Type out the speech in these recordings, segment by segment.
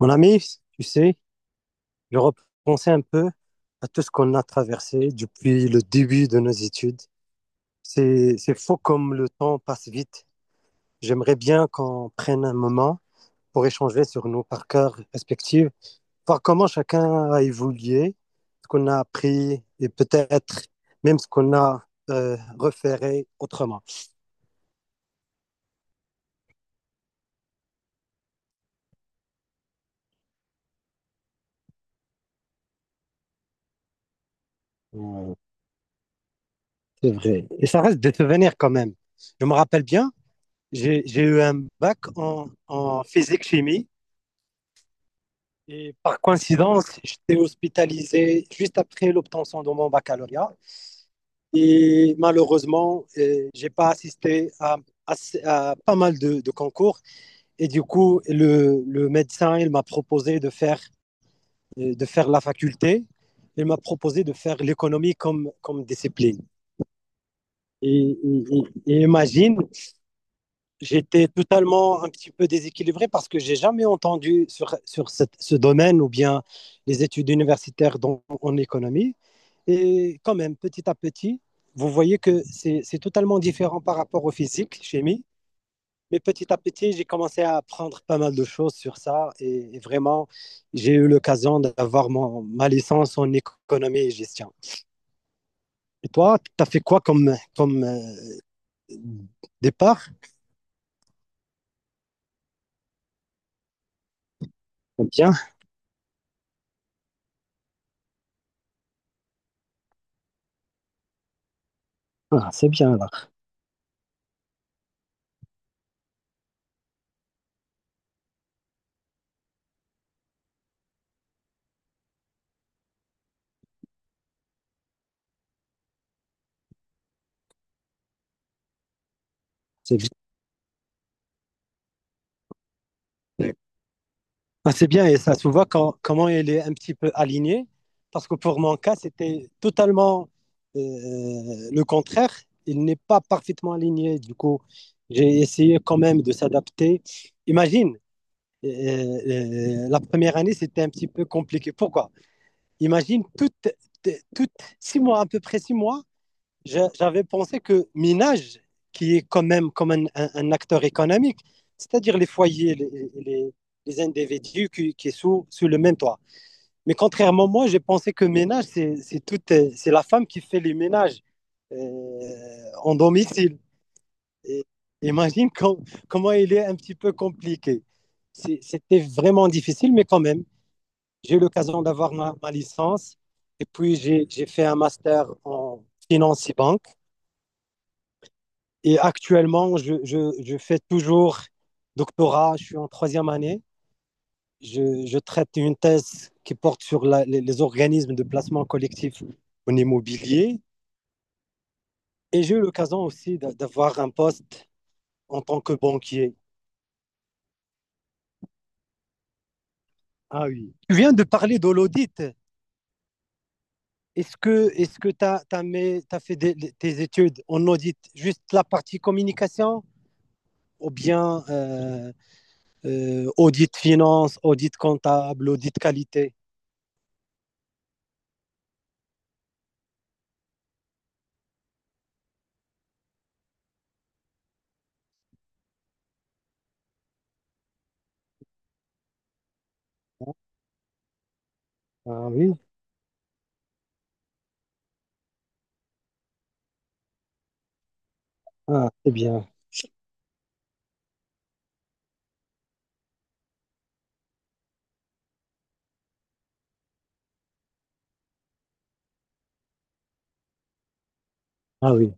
Mon ami, tu sais, je repensais un peu à tout ce qu'on a traversé depuis le début de nos études. C'est fou comme le temps passe vite. J'aimerais bien qu'on prenne un moment pour échanger sur nos parcours respectifs, voir comment chacun a évolué, ce qu'on a appris et peut-être même ce qu'on a reféré autrement. Ouais, c'est vrai. Et ça reste des souvenirs quand même. Je me rappelle bien, j'ai eu un bac en physique-chimie. Et par coïncidence, j'étais hospitalisé juste après l'obtention de mon baccalauréat. Et malheureusement, je j'ai pas assisté à- à pas mal de concours. Et du coup, le médecin, il m'a proposé de faire la faculté. Il m'a proposé de faire l'économie comme discipline. Et, et- et imagine, j'étais totalement un petit peu déséquilibré parce que j'ai jamais entendu sur ce domaine ou bien les études universitaires en économie. Et quand même, petit à petit, vous voyez que c'est totalement différent par rapport au physique, chimie. Mais petit à petit, j'ai commencé à apprendre pas mal de choses sur ça. Et vraiment, j'ai eu l'occasion d'avoir ma licence en économie et gestion. Et toi, tu as fait quoi comme départ? Bien. Ah, c'est bien là. C'est bien. Ah, c'est bien et ça se voit comment il est un petit peu aligné. Parce que pour mon cas, c'était totalement euh, le contraire. Il n'est pas parfaitement aligné. Du coup, j'ai essayé quand même de s'adapter. Imagine, euh, la première année, c'était un petit peu compliqué. Pourquoi? Imagine, toutes 6 mois, à peu près 6 mois, j'avais pensé que Minage, qui est quand même comme un acteur économique, c'est-à-dire les foyers, les individus qui sont sous le même toit. Mais contrairement à moi, j'ai pensé que ménage, c'est tout, c'est la femme qui fait les ménages en domicile. Et imagine comment il est un petit peu compliqué. C'était vraiment difficile, mais quand même, j'ai eu l'occasion d'avoir ma licence. Et puis, j'ai fait un master en finance et banque. Et actuellement, je fais toujours doctorat, je suis en 3e année. Je traite une thèse qui porte sur les organismes de placement collectif en immobilier. Et j'ai eu l'occasion aussi d'avoir un poste en tant que banquier. Ah oui. Tu viens de parler de l'audit. Est-ce que tu as, fait tes études en audit, juste la partie communication ou bien audit finance, audit comptable, audit qualité. Ah oui, ah, c'est bien. Ah oui,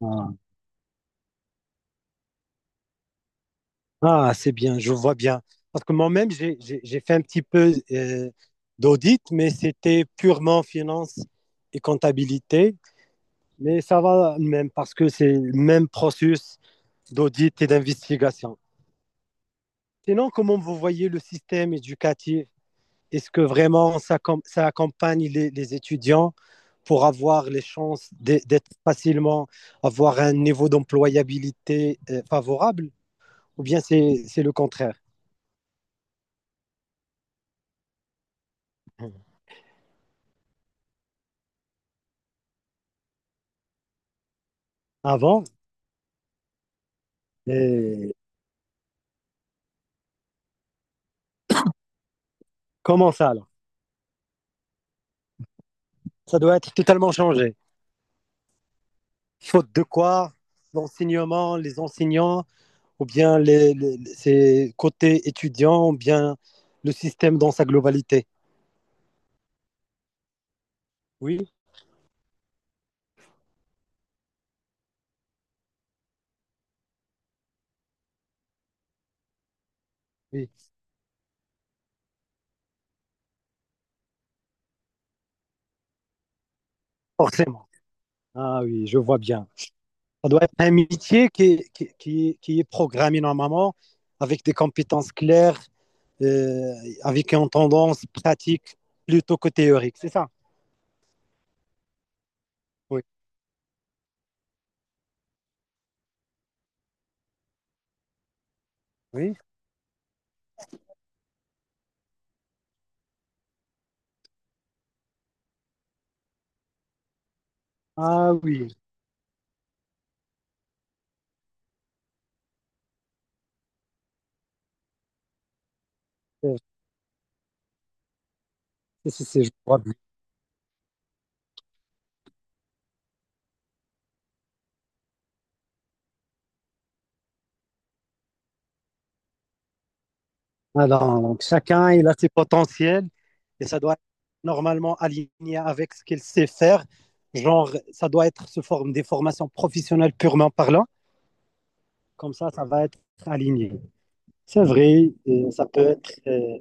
ah, Ah, c'est bien, je vois bien. Parce que moi-même, j'ai fait un petit peu d'audit, mais c'était purement finance et comptabilité. Mais ça va même parce que c'est le même processus d'audit et d'investigation. Sinon, comment vous voyez le système éducatif? Est-ce que vraiment ça accompagne les étudiants pour avoir les chances d'être facilement, avoir un niveau d'employabilité favorable? Ou bien c'est le contraire? Avant, et comment ça alors? Ça doit être totalement changé. Faute de quoi? L'enseignement, les enseignants ou bien ses côtés étudiants, ou bien le système dans sa globalité. Oui, oui, forcément. Ah oui, je vois bien. Ça doit être un métier qui est programmé normalement, avec des compétences claires, euh, avec une tendance pratique plutôt que théorique, c'est ça? Oui. Oui. Ah oui, c'est, je vois bien. Alors, donc chacun, il a ses potentiels et ça doit être normalement aligné avec ce qu'il sait faire. Genre, ça doit être sous forme des formations professionnelles purement parlant. Comme ça va être aligné. C'est vrai, ça peut être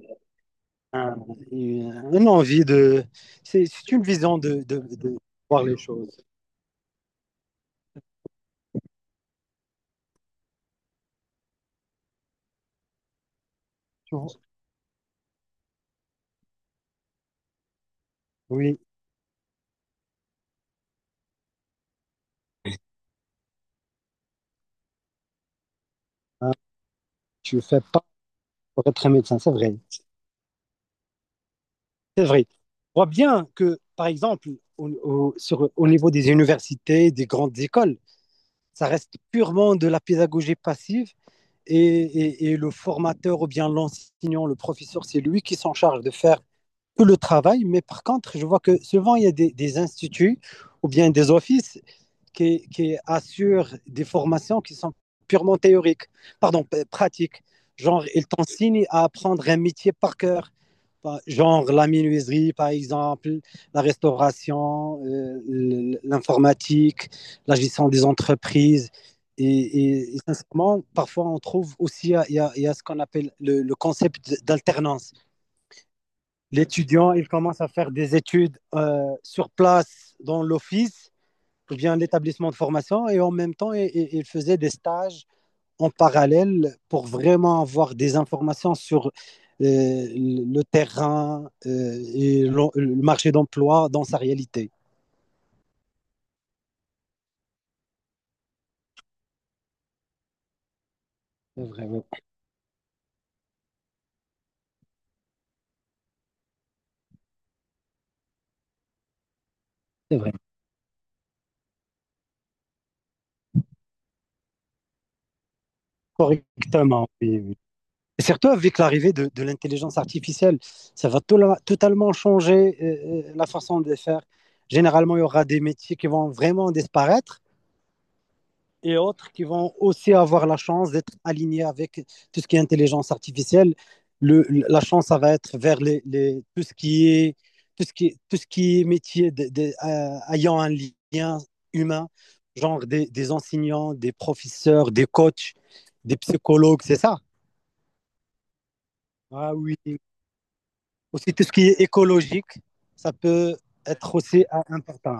un- une envie de... C'est une vision de voir les choses. Tu vois. Oui, tu ne fais pas pour être un médecin, c'est vrai. C'est vrai. On voit bien que, par exemple, au niveau des universités, des grandes écoles, ça reste purement de la pédagogie passive et le formateur ou bien l'enseignant, le professeur, c'est lui qui s'en charge de faire tout le travail. Mais par contre, je vois que souvent, il y a des instituts ou bien des offices qui assurent des formations qui sont purement théoriques, pardon, pratiques. Genre, ils t'enseignent à apprendre un métier par cœur, genre la menuiserie, par exemple, la restauration, l'informatique, la gestion des entreprises. Et sincèrement, parfois, on trouve aussi, il y a ce qu'on appelle le concept d'alternance. L'étudiant, il commence à faire des études sur place dans l'office via un établissement de formation et en même temps, il faisait des stages en parallèle pour vraiment avoir des informations sur le terrain et le marché d'emploi dans sa réalité. C'est vrai, oui. C'est vrai. Correctement, oui, oui. Et surtout avec l'arrivée de l'intelligence artificielle, ça va totalement changer la façon de faire. Généralement, il y aura des métiers qui vont vraiment disparaître et autres qui vont aussi avoir la chance d'être alignés avec tout ce qui est intelligence artificielle. La chance, ça va être vers les, tout, ce qui est, tout ce qui est métier ayant un lien humain, genre des enseignants, des professeurs, des coachs, des psychologues, c'est ça? Ah oui. Aussi tout ce qui est écologique, ça peut être aussi important.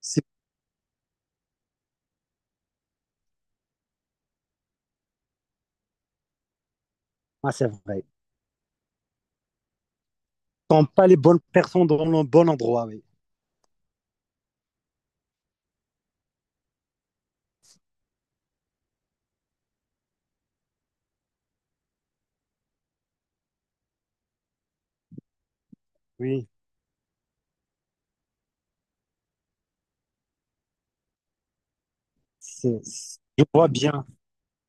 C'est ah, c'est vrai. Quand pas les bonnes personnes dans le bon endroit, oui. Oui. Je vois bien,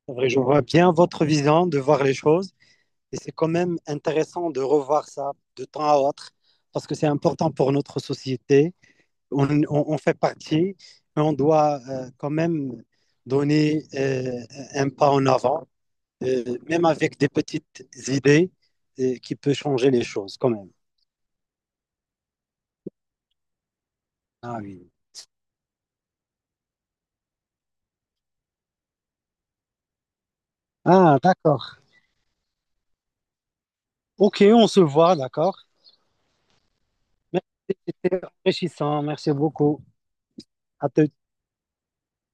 c'est vrai, je vois bien votre vision de voir les choses et c'est quand même intéressant de revoir ça de temps à autre parce que c'est important pour notre société. On fait partie, mais on doit quand même donner un pas en avant, même avec des petites idées qui peuvent changer les choses quand même. Ah oui. Ah, d'accord. Ok, on se voit, d'accord. Merci, c'était enrichissant. Merci beaucoup. À te